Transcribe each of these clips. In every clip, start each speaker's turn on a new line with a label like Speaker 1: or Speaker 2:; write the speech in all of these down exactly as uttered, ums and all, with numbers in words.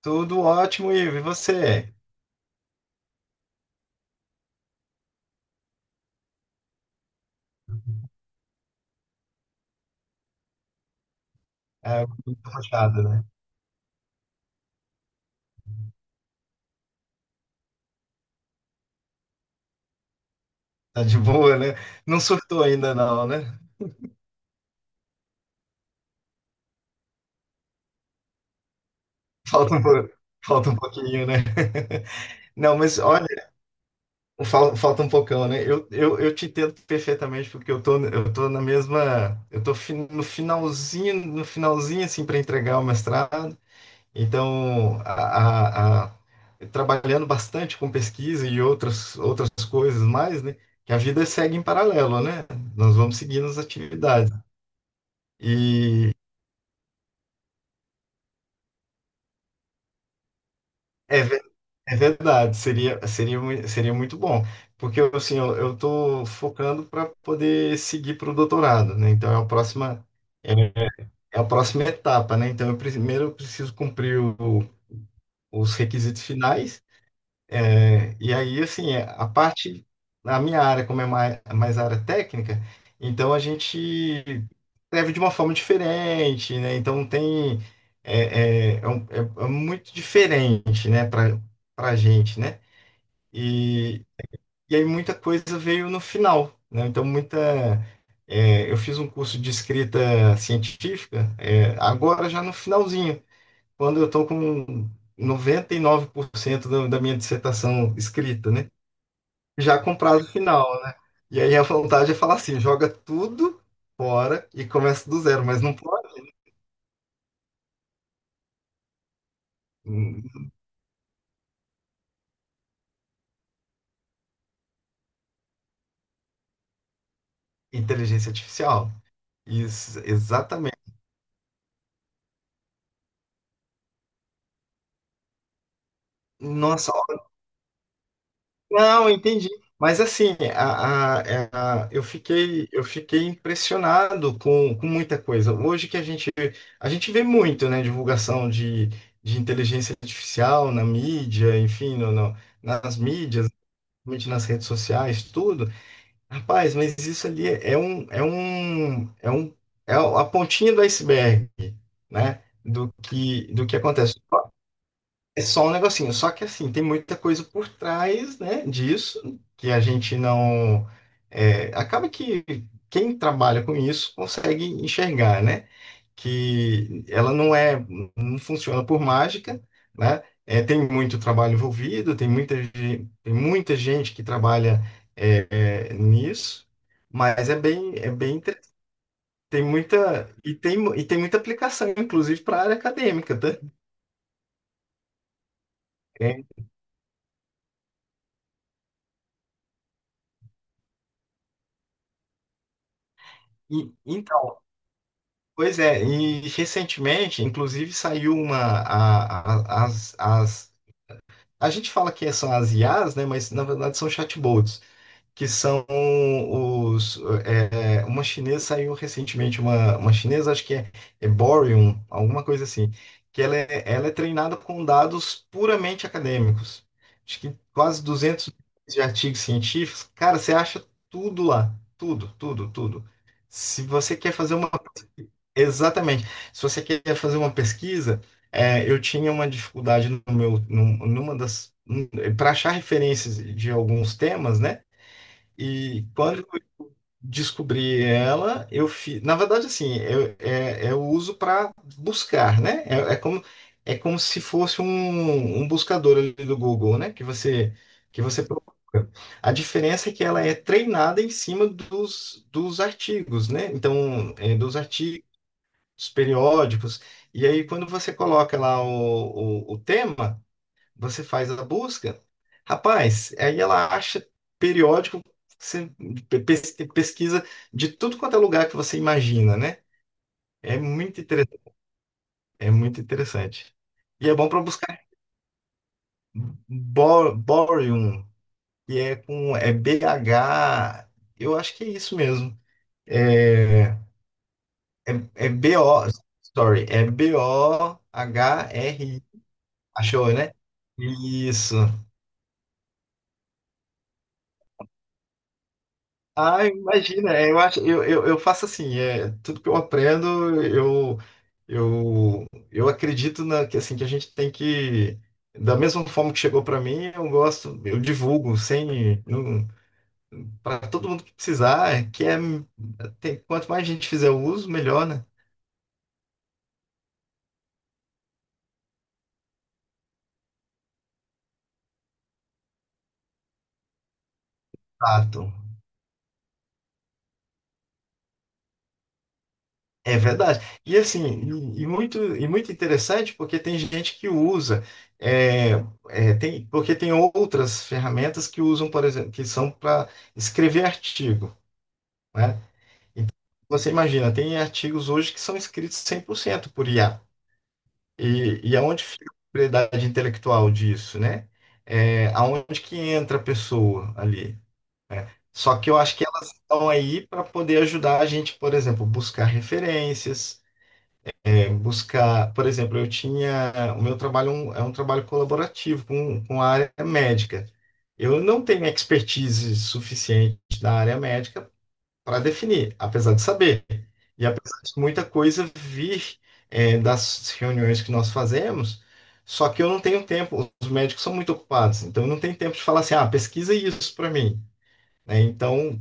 Speaker 1: Tudo ótimo, Ivo. E você? É, muito fechado, né? Tá de boa, né? Não surtou ainda não, né? Falta um, po- falta um pouquinho, né? Não, mas olha, fal- falta um pocão, né? Eu, eu, eu te entendo perfeitamente porque eu tô, eu tô na mesma, eu tô fin- no finalzinho, no finalzinho assim para entregar o mestrado. Então, a, a- a- trabalhando bastante com pesquisa e outras outras coisas mais, né? Que a vida segue em paralelo, né? Nós vamos seguindo as atividades. E é, ve- é verdade, seria, seria, mui- seria muito bom, porque eu, assim, eu, eu tô focando para poder seguir para o doutorado, né? Então é a próxima, é, é a próxima etapa, né? Então eu, pre- primeiro eu preciso cumprir o- os requisitos finais. É, e aí, assim, é, a parte, na minha área, como é mais, mais área técnica, então a gente escreve de uma forma diferente, né? Então tem, é, é, é, um- é- é muito diferente, né, para para a gente, né? E, e aí muita coisa veio no final, né? Então muita, é, eu fiz um curso de escrita científica, é, agora já no finalzinho, quando eu estou com noventa e nove por cento da, da minha dissertação escrita, né? Já com prazo final. E aí a vontade é falar assim, joga tudo fora e começa do zero, mas não pode. Hum, Inteligência artificial. Isso, exatamente. Nossa, ó, não, entendi. Mas assim, a, a- é a- eu fiquei, eu fiquei impressionado com, com muita coisa. Hoje que a gente, a gente vê muito, né, divulgação de, de inteligência artificial na mídia, enfim, no, no- nas mídias, principalmente nas redes sociais, tudo. Rapaz, mas isso ali é um, é um, é um, é a pontinha do iceberg, né? Do que, do que acontece. É só um negocinho. Só que assim, tem muita coisa por trás, né, disso, que a gente não. É, acaba que quem trabalha com isso consegue enxergar, né? Que ela não é, não funciona por mágica, né? É, tem muito trabalho envolvido, tem muita, ge- tem muita gente que trabalha é, é, nisso, mas é bem, é bem, inter- tem muita, e tem, mu- e tem muita aplicação, inclusive, para a área acadêmica, tá? É, e- então, pois é, e recentemente, inclusive, saiu uma, a, a- as, as, a gente fala que são as I As, né? Mas, na verdade, são chatbots. Que são os. É, uma chinesa saiu recentemente, uma, uma chinesa, acho que é, é Boryun, alguma coisa assim, que ela é, ela é treinada com dados puramente acadêmicos. Acho que quase duzentos milhões de artigos científicos. Cara, você acha tudo lá. Tudo, tudo, tudo. Se você quer fazer uma. Exatamente. Se você quer fazer uma pesquisa, é, eu tinha uma dificuldade no meu, num- numa das. Para achar referências de alguns temas, né? E quando eu descobri ela, eu fiz. Na verdade, assim, eu, é, eu uso para buscar, né? É, é como, é como se fosse um, um buscador ali do Google, né? Que você, que você procura. A diferença é que ela é treinada em cima dos, dos artigos, né? Então, é, dos artigos periódicos. E aí, quando você coloca lá o, o, o tema. Você faz a busca. Rapaz, aí ela acha periódico, você pes- pesquisa de tudo quanto é lugar que você imagina, né? É muito interessante, é muito interessante. E é bom para buscar bor- borium, que é com é b h, eu acho que é isso mesmo. É, é, é B o, sorry, é B O H R I. Achou, né? Isso. Ah, imagina, é, eu acho, eu, eu, eu faço assim, é, tudo que eu aprendo, eu, eu, eu acredito na, que, assim, que a gente tem que, da mesma forma que chegou para mim, eu gosto, eu divulgo sem, para todo mundo que precisar, é que é, tem, quanto mais gente fizer o uso, melhor, né? Exato. É verdade. E assim, e, e muito, e muito interessante porque tem gente que usa, é, é, tem, porque tem outras ferramentas que usam, por exemplo, que são para escrever artigo, né? Você imagina, tem artigos hoje que são escritos cem por cento por I A. E, e aonde fica a propriedade intelectual disso, né? É, aonde que entra a pessoa ali? Só que eu acho que elas estão aí para poder ajudar a gente, por exemplo, buscar referências, buscar, por exemplo, eu tinha, o meu trabalho é um, é um trabalho colaborativo com, com a área médica. Eu não tenho expertise suficiente da área médica para definir, apesar de saber. E apesar de muita coisa vir é, das reuniões que nós fazemos, só que eu não tenho tempo, os médicos são muito ocupados, então eu não tenho tempo de falar assim, ah, pesquisa isso para mim. Né? Então,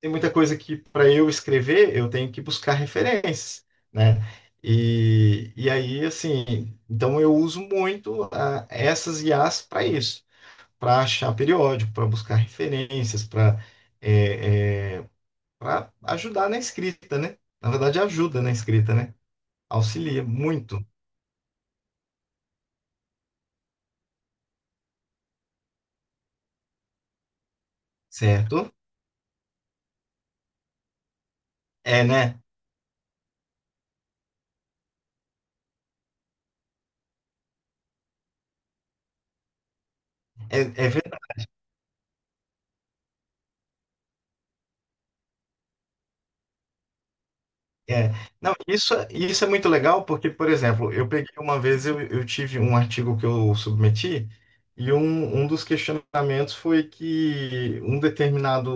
Speaker 1: tem muita coisa que para eu escrever eu tenho que buscar referências, né? E, e aí, assim, então eu uso muito ah, essas I As para isso, para achar periódico, para buscar referências, para para ajudar na escrita, né? Na verdade, ajuda na escrita, né? Auxilia muito, certo? É, né? É, é É, não, isso, isso é muito legal porque, por exemplo, eu peguei uma vez, eu, eu tive um artigo que eu submeti e um, um dos questionamentos foi que um determinado,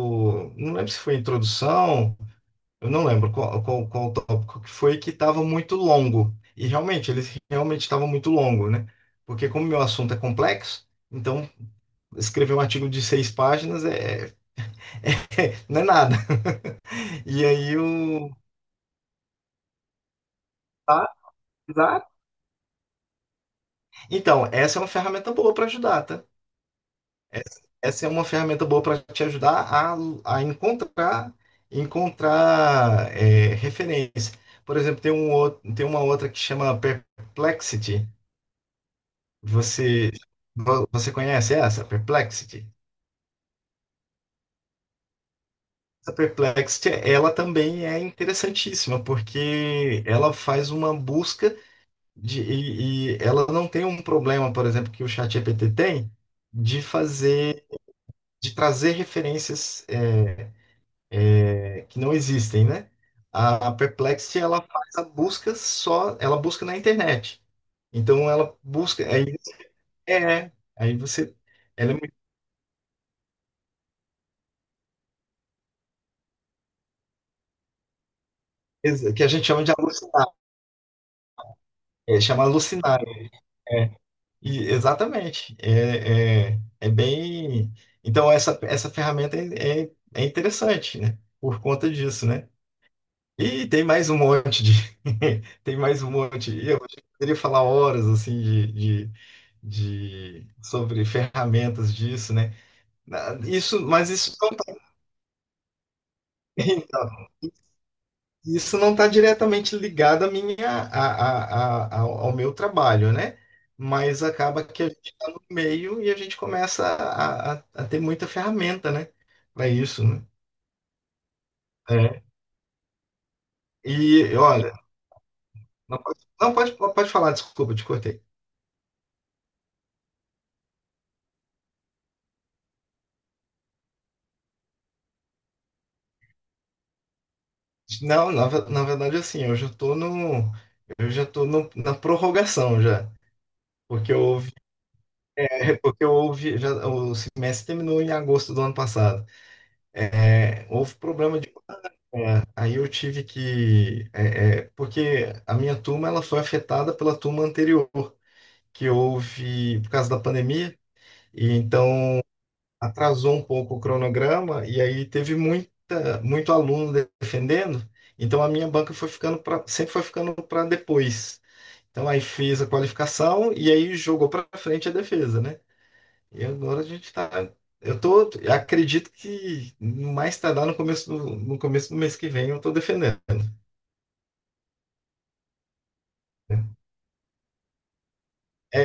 Speaker 1: não lembro se foi introdução, eu não lembro qual, qual, qual o tópico que foi, que estava muito longo. E realmente, ele realmente estava muito longo, né? Porque como meu assunto é complexo, então escrever um artigo de seis páginas é, não é nada. E aí o... Tá, exato. Então, essa é uma ferramenta boa para ajudar, tá? Essa essa é uma ferramenta boa para te ajudar a, a encontrar, encontrar é, referência. Por exemplo, tem um, ou- tem uma outra que chama Perplexity. Você, vo- você conhece essa, Perplexity? Essa Perplexity, ela também é interessantíssima, porque ela faz uma busca de, e, e ela não tem um problema, por exemplo, que o ChatGPT tem, de fazer, de trazer referências é, que não existem, né? A a Perplexity, ela faz a busca só, ela busca na internet. Então ela busca, aí é, aí você, ela é uma empresa que a gente chama de alucinar, é, chama alucinar, é, e, exatamente, é, é, é bem, então essa, essa ferramenta é, é, é interessante, né? Por conta disso, né? E tem mais um monte de. Tem mais um monte. E eu poderia falar horas assim de, de, de- sobre ferramentas disso, né? Na- Isso, mas isso não está então, isso não tá diretamente ligado à minha, a, a, a, ao ao meu trabalho, né? Mas acaba que a gente está no meio e a gente começa a, a, a ter muita ferramenta, né? Para isso, né? É. E olha, não pode, não pode, pode falar, desculpa, te cortei. Não, na, ve- na verdade, assim, eu já tô no, eu já tô no- na prorrogação já, porque eu houve, porque eu houve, já, o semestre terminou em agosto do ano passado. É, houve problema de, é, aí eu tive que, é, é, porque a minha turma ela foi afetada pela turma anterior que houve por causa da pandemia, e então atrasou um pouco o cronograma e aí teve muita, muito aluno defendendo. Então a minha banca foi ficando pra, sempre foi ficando para depois. Então aí fez a qualificação e aí jogou para frente a defesa, né? E agora a gente tá. Eu tô, eu acredito que no mais tardar no começo do, no começo do mês que vem eu tô defendendo. Né? É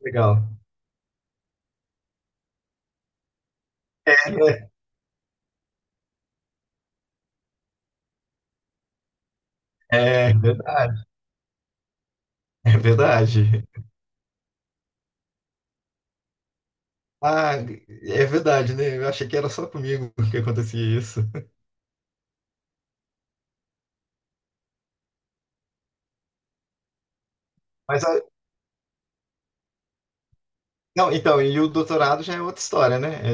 Speaker 1: legal. É, é é verdade, é verdade. Ah, é verdade, né? Eu achei que era só comigo que acontecia isso. Mas ah, não, então, e o doutorado já é outra história, né? É,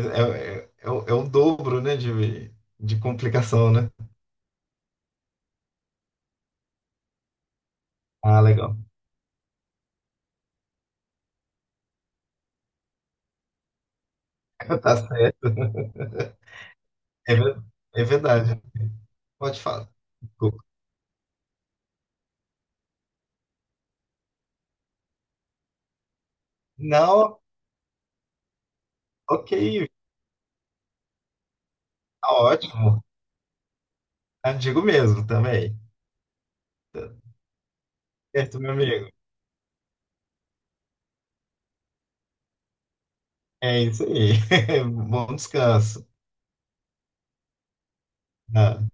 Speaker 1: é, é, o, é o dobro, né, de, de complicação, né? Ah, legal. Tá certo. É, ver- é verdade. Pode falar. Desculpa. Não, ok, tá ótimo. Ah, digo mesmo também. Tá. Certo, meu amigo. É isso aí. Bom descanso. Ah.